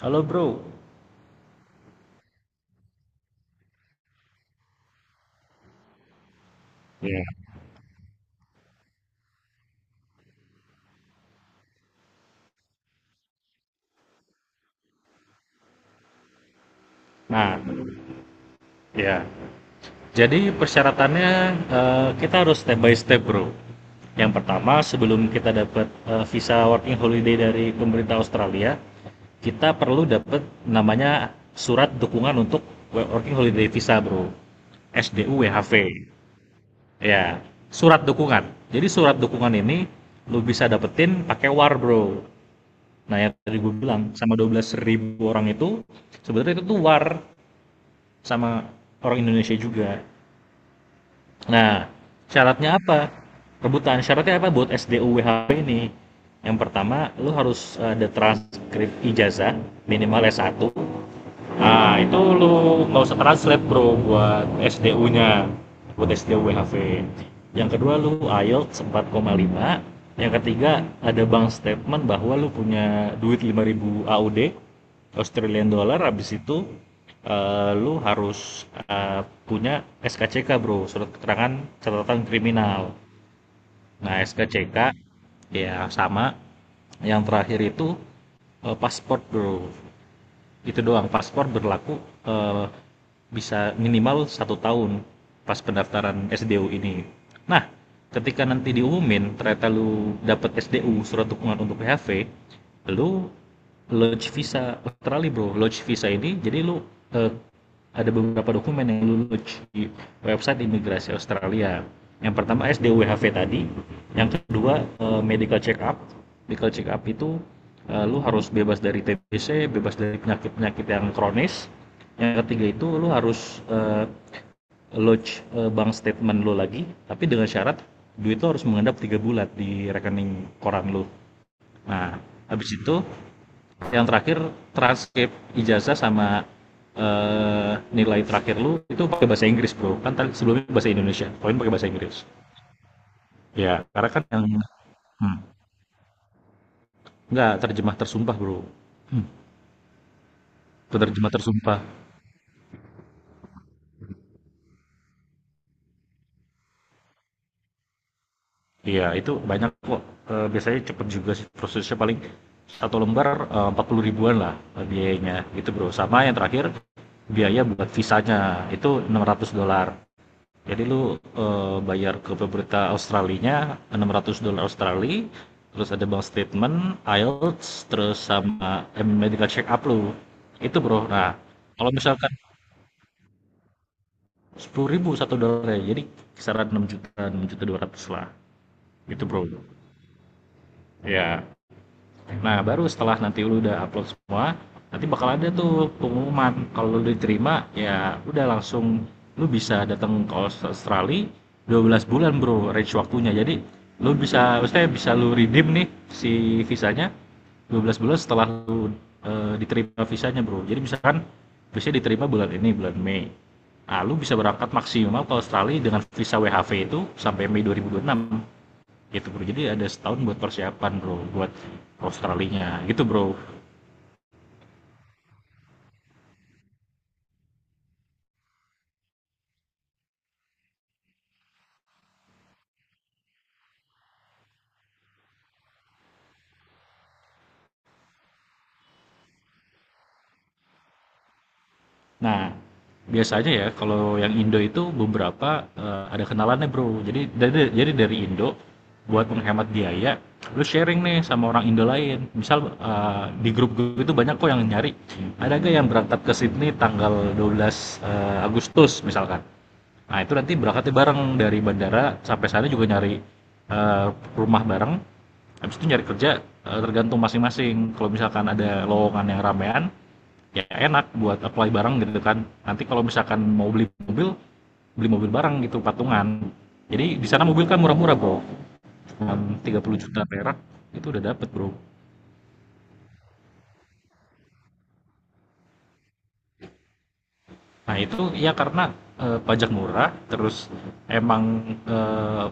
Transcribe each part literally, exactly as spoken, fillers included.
Halo bro. Ya. Nah, ya. Jadi persyaratannya eh, kita harus step by step, bro. Yang pertama, sebelum kita dapat eh, visa working holiday dari pemerintah Australia, kita perlu dapat namanya surat dukungan untuk working holiday visa, bro. S D U W H V. Ya, surat dukungan. Jadi surat dukungan ini lu bisa dapetin pakai WAR, bro. Nah, yang tadi gue bilang sama dua belas ribu orang itu sebenarnya itu tuh WAR. Sama orang Indonesia juga. Nah, syaratnya apa? Rebutan. Syaratnya apa buat SDUWHP ini? Yang pertama, lu harus eh, ada transkrip ijazah minimal s satu. Nah, itu lu nggak usah translate bro buat S D U-nya, buat SDU WHV. Yang kedua lu IELTS empat koma lima. Yang ketiga ada bank statement bahwa lu punya duit lima ribu A U D, Australian Dollar. Habis itu eh, lu harus eh, punya S K C K bro, surat keterangan catatan kriminal. Nah, S K C K ya sama. Yang terakhir itu eh, paspor bro, itu doang. Paspor berlaku eh, bisa minimal satu tahun pas pendaftaran S D U ini. Nah, ketika nanti diumumin ternyata lu dapet S D U surat dukungan untuk P H V, lu lodge visa Australia bro. Lodge visa ini jadi lu eh, ada beberapa dokumen yang lulus di website imigrasi Australia. Yang pertama S D W H V tadi, yang kedua eh, medical check up. Medical check up itu eh, lu harus bebas dari T B C, bebas dari penyakit-penyakit yang kronis. Yang ketiga itu lu harus eh, lodge eh, bank statement lu lagi, tapi dengan syarat duit lu harus mengendap tiga bulan di rekening koran lu. Nah, habis itu yang terakhir transkrip ijazah sama eh, nilai terakhir lu itu pakai bahasa Inggris bro, kan tadi sebelumnya bahasa Indonesia poin pakai bahasa Inggris. Ya karena kan yang hmm, nggak terjemah tersumpah bro. hmm, Terjemah tersumpah. Iya itu banyak kok. Eh, biasanya cepet juga sih prosesnya, paling satu lembar eh, empat puluh ribuan lah, eh, biayanya gitu bro. Sama yang terakhir biaya buat visanya itu enam ratus dolar. Jadi lu eh, bayar ke pemerintah Australinya enam ratus dolar Australia, terus ada bank statement, IELTS, terus sama eh, medical check up lu. Itu bro. Nah, kalau misalkan sepuluh ribu satu dolarnya, jadi kisaran enam juta, enam juta dua ratus lah. Itu bro. Ya. Nah, baru setelah nanti lu udah upload semua, nanti bakal ada tuh pengumuman. Kalau lu diterima, ya udah langsung lu bisa datang ke Aus- Australia dua belas bulan, Bro, range waktunya. Jadi, lu bisa maksudnya bisa lu redeem nih si visanya dua belas bulan setelah lu eh, diterima visanya, Bro. Jadi, misalkan bisa diterima bulan ini, bulan Mei. Nah, lu bisa berangkat maksimal ke Australia dengan visa W H V itu sampai Mei dua ribu dua puluh enam, gitu bro. Jadi ada setahun buat persiapan bro buat Australinya, gitu bro. Nah biasanya, ya kalau yang Indo itu beberapa eh, ada kenalannya bro, jadi dari, jadi dari Indo. Buat menghemat biaya lu sharing nih sama orang Indo lain, misal eh, di grup gue itu banyak kok yang nyari ada gak yang berangkat ke Sydney tanggal dua belas eh, Agustus misalkan. Nah itu nanti berangkatnya bareng dari bandara sampai sana, juga nyari eh, rumah bareng. Habis itu nyari kerja, eh, tergantung masing-masing. Kalau misalkan ada lowongan yang ramean, ya enak buat apply bareng gitu kan. Nanti kalau misalkan mau beli mobil, beli mobil bareng gitu, patungan. Jadi di sana mobil kan murah-murah bro, cuma tiga puluh juta perak itu udah dapet bro. Nah itu ya, karena eh, pajak murah terus emang eh,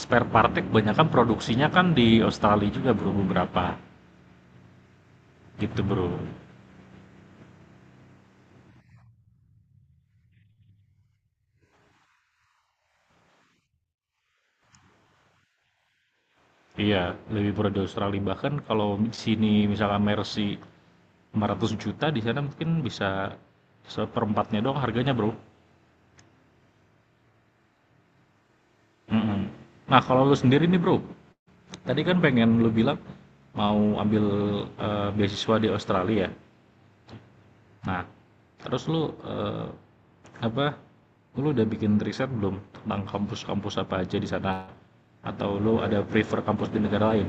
spare partnya kebanyakan produksinya kan di Australia juga bro, beberapa gitu bro. Iya lebih murah di Australia. Bahkan kalau di sini misalkan Mercy lima ratus juta, di sana mungkin bisa seperempatnya doang harganya bro. Mm-mm. Nah kalau lu sendiri nih bro, tadi kan pengen lu bilang mau ambil eh, beasiswa di Australia. Nah terus lu eh, apa, lu udah bikin riset belum tentang kampus-kampus apa aja di sana, atau lu ada prefer kampus di negara lain?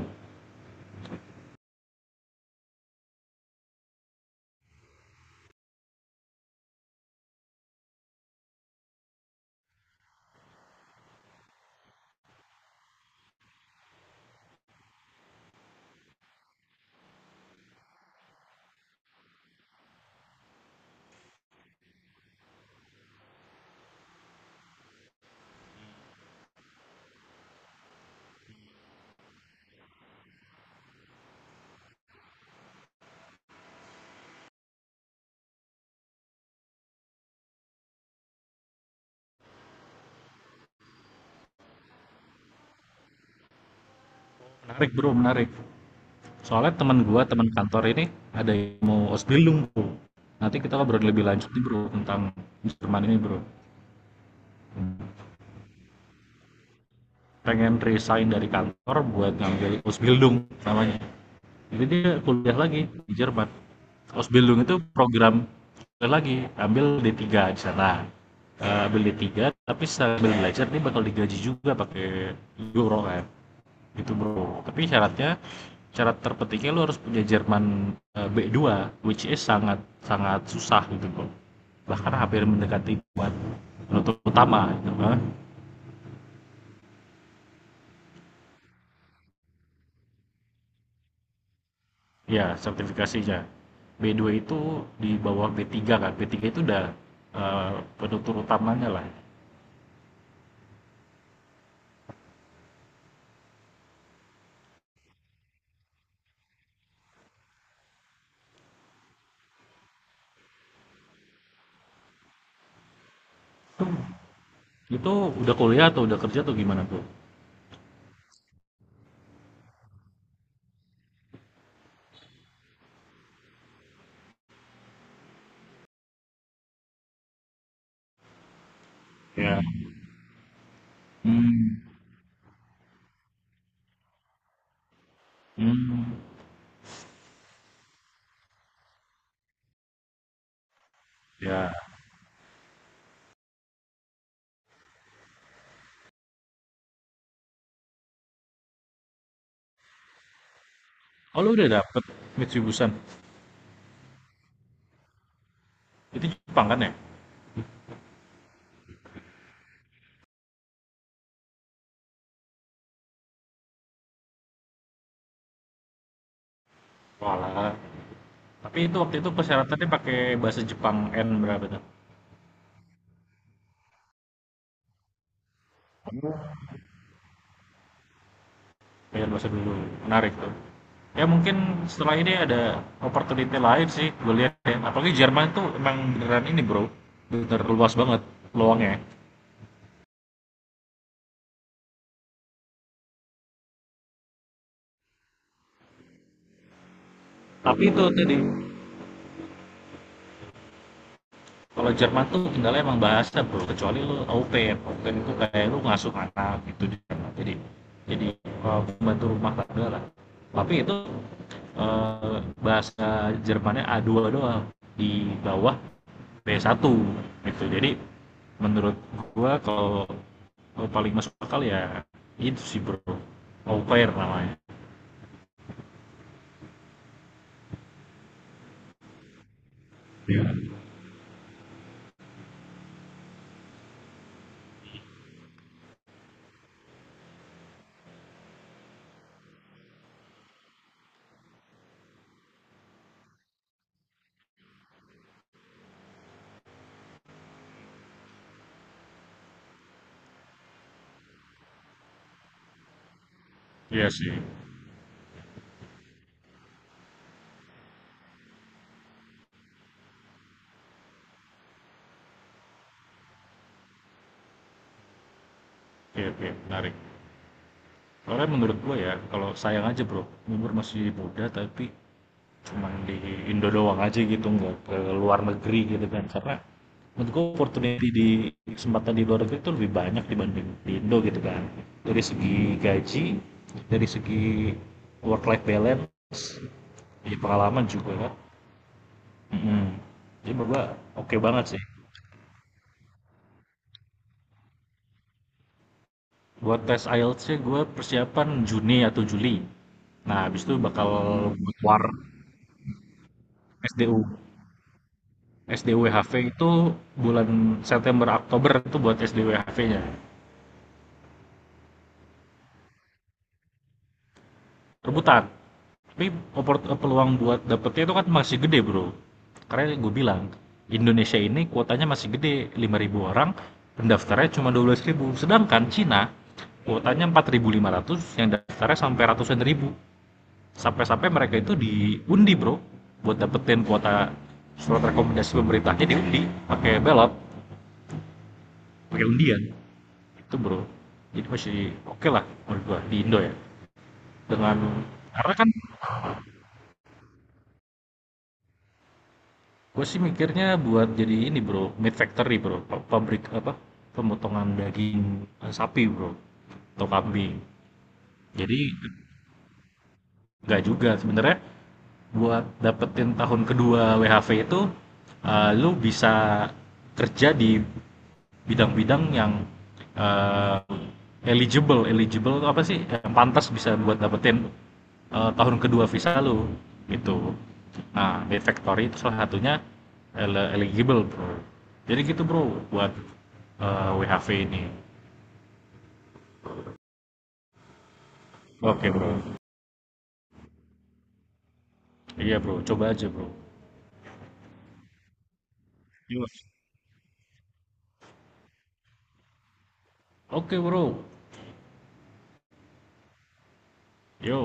Menarik bro, menarik. Soalnya teman gua, teman kantor ini ada yang mau Ausbildung bro. Nanti kita ngobrol lebih lanjut nih bro tentang Jerman ini bro. Pengen resign dari kantor buat ngambil Ausbildung namanya. Jadi dia kuliah lagi di Jerman. Ausbildung itu program kuliah lagi, ambil D tiga di sana. Eh, ambil D tiga tapi sambil belajar dia bakal digaji juga pakai euro kan. Gitu bro. Tapi syaratnya, syarat terpentingnya lo harus punya Jerman eh, B dua, which is sangat sangat susah gitu bro. Bahkan hampir mendekati buat penutup utama gitu. Hah? Ya sertifikasinya. B dua itu di bawah b tiga kan. B tiga itu udah eh, penutur utamanya lah. Itu, itu udah kuliah atau udah kerja atau gimana tuh? Ya. Hmm. Hmm. Ya. Oh, lu udah dapet Mitsubishi-an. Itu Jepang kan ya? Walah. Tapi itu waktu itu persyaratannya pakai bahasa Jepang N berapa tuh? Belajar bahasa dulu, menarik tuh. Ya mungkin setelah ini ada opportunity lain sih, gue lihat ya. Apalagi Jerman tuh emang beneran ini bro, bener luas banget peluangnya. Tapi itu tadi, kalau Jerman tuh kendala emang bahasa bro, kecuali lu au pair. Au pair itu kayak lu ngasuh anak gitu di Jerman. jadi jadi uh, pembantu rumah tangga lah. Tapi itu eh, bahasa Jermannya a dua doang, di bawah b satu gitu. Jadi menurut gua kalau kalau paling masuk akal ya itu sih bro, au pair namanya. Iya. Ya sih. Oke oke, menarik. Soalnya menurut gua ya, kalau sayang aja bro umur masih muda tapi cuma di Indo doang aja gitu, nggak ke luar negeri gitu kan. Karena menurut gua opportunity di kesempatan di luar negeri itu lebih banyak dibanding di Indo gitu kan, dari segi gaji, dari segi work life balance, di pengalaman juga kan. Mhm. Jadi Bapak oke banget sih. Buat tes IELTS-nya gue persiapan Juni atau Juli. Nah, habis itu bakal buat WAR S D U. SDUWHV itu bulan September Oktober itu buat SDUWHV-nya. Rebutan. Tapi opor- eh, peluang buat dapetnya itu kan masih gede, Bro. Karena gue bilang, Indonesia ini kuotanya masih gede, lima ribu orang, pendaftarnya cuma dua belas ribu. Sedangkan Cina kuotanya empat ribu lima ratus, yang daftarnya sampai ratusan ribu. Sampai-sampai mereka itu diundi bro buat dapetin kuota surat rekomendasi pemerintahnya, diundi pakai belot, pakai undian itu bro. Jadi masih oke lah menurut gua di Indo ya. Dengan, karena kan gua sih mikirnya buat jadi ini bro, meat factory bro, pabrik apa pemotongan daging eh, sapi bro atau kambing. Jadi nggak juga sebenarnya, buat dapetin tahun kedua W H V itu eh, lu bisa kerja di bidang-bidang yang eh, eligible, eligible apa sih yang pantas bisa buat dapetin eh, tahun kedua visa lu gitu. Nah di factory itu salah satunya eligible bro. Jadi gitu bro, buat eh, W H V ini. Oke bro. Iya bro coba aja bro. Oke bro. Yo.